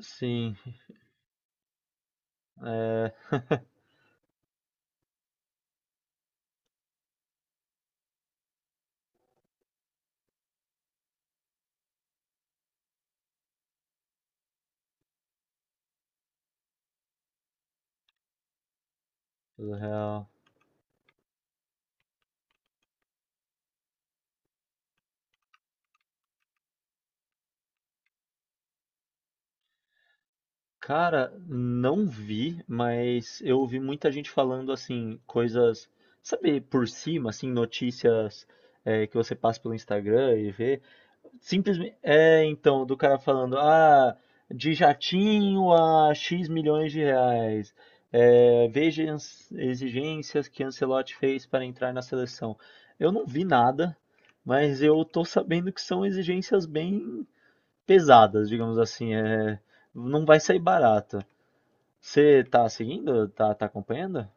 Sim, é. Tudo real. Cara, não vi, mas eu ouvi muita gente falando assim, coisas, sabe, por cima, assim, notícias que você passa pelo Instagram e vê. Simplesmente, então, do cara falando, ah, de jatinho a X milhões de reais. É, veja as exigências que Ancelotti fez para entrar na seleção. Eu não vi nada, mas eu tô sabendo que são exigências bem pesadas, digamos assim, não vai sair barato. Você tá seguindo? Tá acompanhando?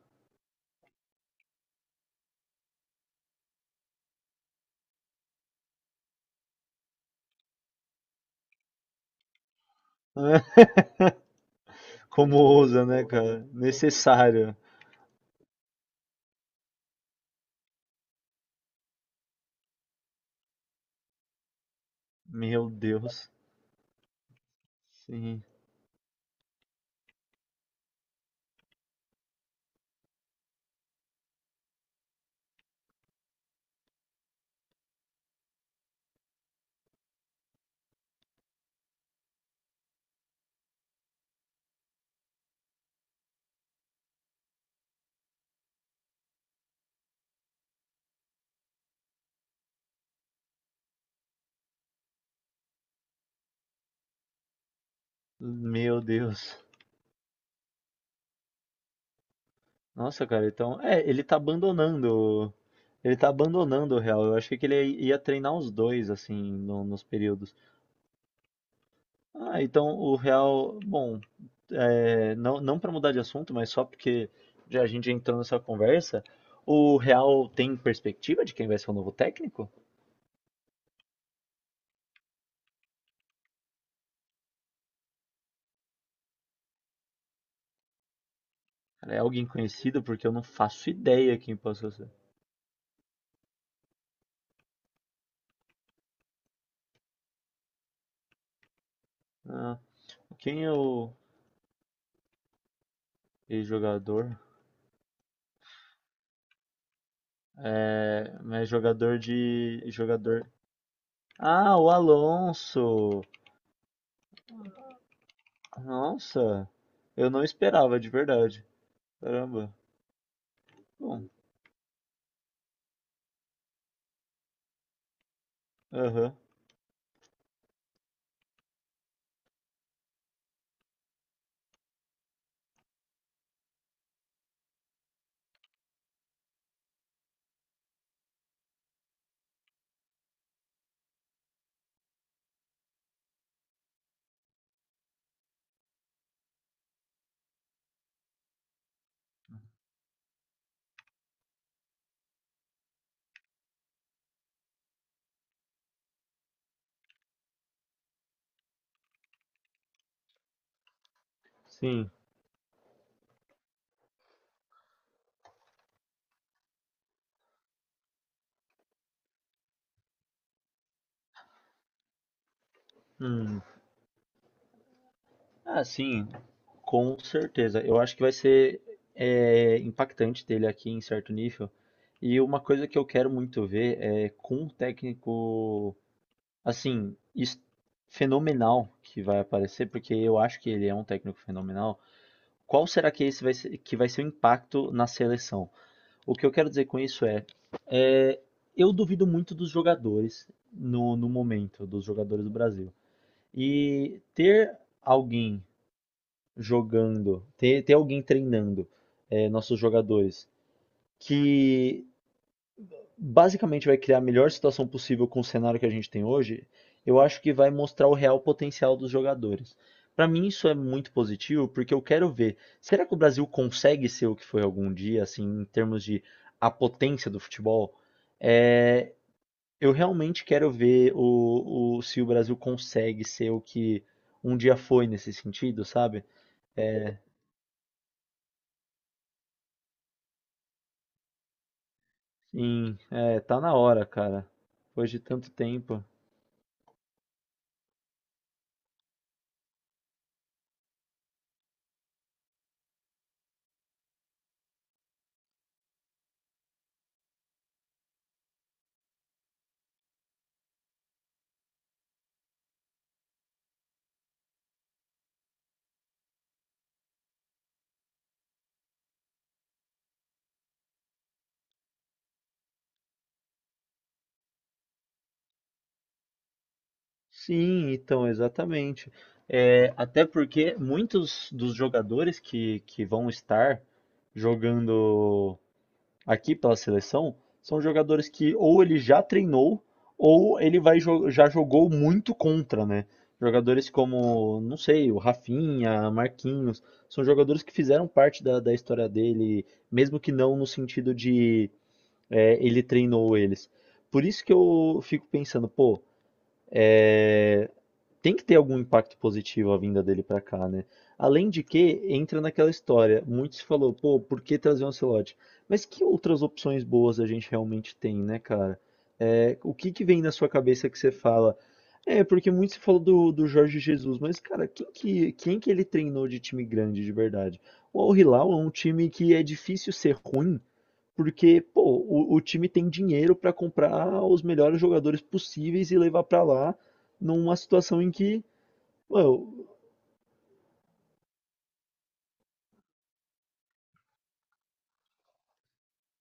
Como ousa, né, cara? Necessário. Meu Deus. Sim. Meu Deus. Nossa, cara, então, ele tá abandonando o real. Eu achei que ele ia treinar os dois assim nos períodos. Ah, então o real, bom, não para mudar de assunto, mas só porque já a gente entrou nessa conversa, o Real tem perspectiva de quem vai ser o novo técnico? Cara, é alguém conhecido porque eu não faço ideia quem possa ser. Ah, quem é o ex-jogador? É, mas jogador de jogador. Ah, o Alonso. Nossa, eu não esperava de verdade. Caramba. Bom, aham. Sim. Hum. Ah, sim, com certeza. Eu acho que vai ser impactante ter ele aqui em certo nível. E uma coisa que eu quero muito ver é com um técnico, assim, fenomenal que vai aparecer, porque eu acho que ele é um técnico fenomenal. Qual será que esse vai ser, que vai ser o impacto na seleção? O que eu quero dizer com isso é, é, eu duvido muito dos jogadores no momento, dos jogadores do Brasil. E ter alguém jogando, ter alguém treinando nossos jogadores, que basicamente vai criar a melhor situação possível com o cenário que a gente tem hoje, eu acho que vai mostrar o real potencial dos jogadores. Para mim isso é muito positivo, porque eu quero ver, será que o Brasil consegue ser o que foi algum dia, assim, em termos de a potência do futebol? É, eu realmente quero ver se o Brasil consegue ser o que um dia foi nesse sentido, sabe? Sim, é, tá na hora, cara. Depois de tanto tempo. Sim, então, exatamente. É, até porque muitos dos jogadores que vão estar jogando aqui pela seleção são jogadores que ou ele já treinou ou ele já jogou muito contra, né? Jogadores como, não sei, o Rafinha, Marquinhos, são jogadores que fizeram parte da história dele, mesmo que não no sentido. É, ele treinou eles. Por isso que eu fico pensando, pô, é, tem que ter algum impacto positivo a vinda dele pra cá, né? Além de que, entra naquela história, muitos falou, pô, por que trazer um Ancelotti? Mas que outras opções boas a gente realmente tem, né, cara? É, o que que vem na sua cabeça que você fala? É, porque muito se falou do Jorge Jesus, mas, cara, quem que ele treinou de time grande de verdade? O Al Hilal é um time que é difícil ser ruim, porque, pô, o time tem dinheiro para comprar os melhores jogadores possíveis e levar para lá numa situação em que, pô,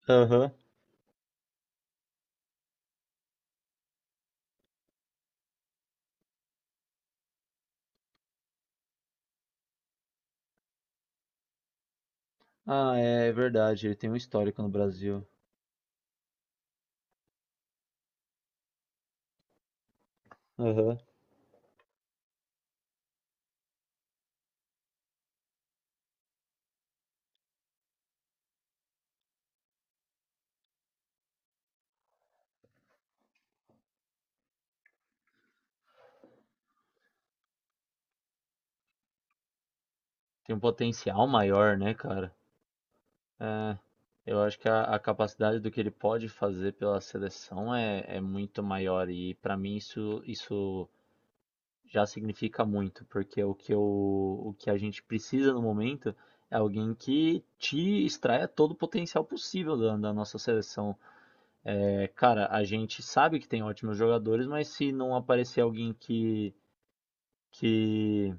aham. Ah, é é verdade, ele tem um histórico no Brasil. Aham. Tem um potencial maior, né, cara? É, eu acho que a capacidade do que ele pode fazer pela seleção é muito maior e pra mim isso já significa muito, porque o que a gente precisa no momento é alguém que te extraia todo o potencial possível da nossa seleção. É, cara, a gente sabe que tem ótimos jogadores, mas se não aparecer alguém que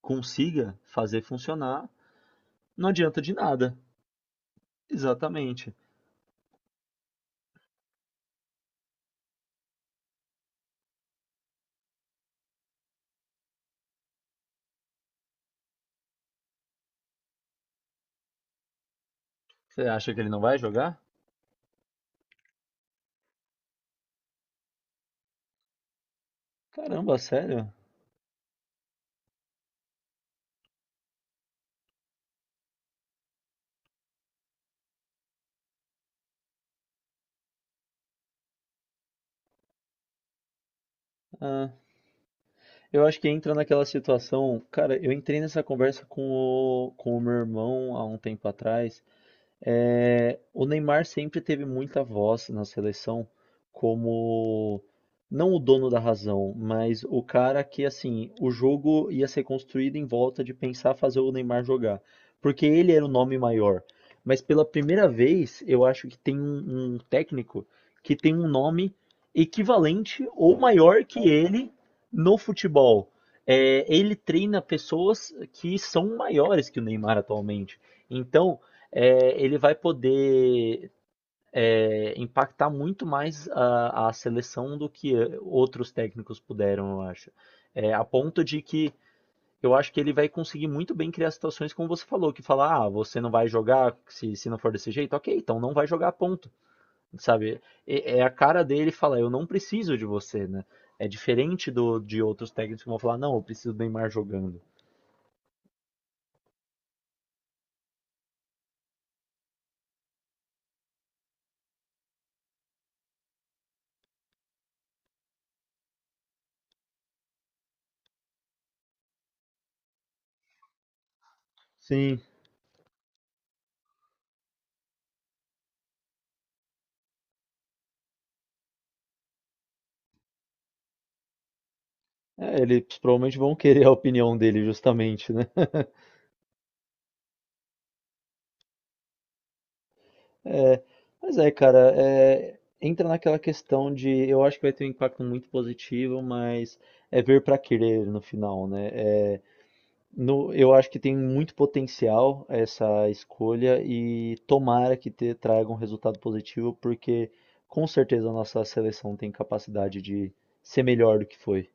consiga fazer funcionar, não adianta de nada. Exatamente. Você acha que ele não vai jogar? Caramba, sério? Ah, eu acho que entra naquela situação. Cara, eu entrei nessa conversa com o meu irmão há um tempo atrás. É, o Neymar sempre teve muita voz na seleção como não o dono da razão, mas o cara que assim, o jogo ia ser construído em volta de pensar fazer o Neymar jogar, porque ele era o nome maior. Mas pela primeira vez, eu acho que tem um técnico que tem um nome equivalente ou maior que ele no futebol. É, ele treina pessoas que são maiores que o Neymar atualmente. Então, ele vai poder impactar muito mais a seleção do que outros técnicos puderam, eu acho. É, a ponto de que eu acho que ele vai conseguir muito bem criar situações como você falou, que fala, ah, você não vai jogar se não for desse jeito, ok, então não vai jogar ponto, sabe? É, é a cara dele falar, eu não preciso de você, né? É diferente de outros técnicos que vão falar, não, eu preciso do Neymar jogando. Sim. É, eles provavelmente vão querer a opinião dele, justamente, né? É, mas cara, entra naquela questão de, eu acho que vai ter um impacto muito positivo, mas é ver para querer no final, né? É, eu acho que tem muito potencial essa escolha e tomara que traga um resultado positivo, porque com certeza a nossa seleção tem capacidade de ser melhor do que foi.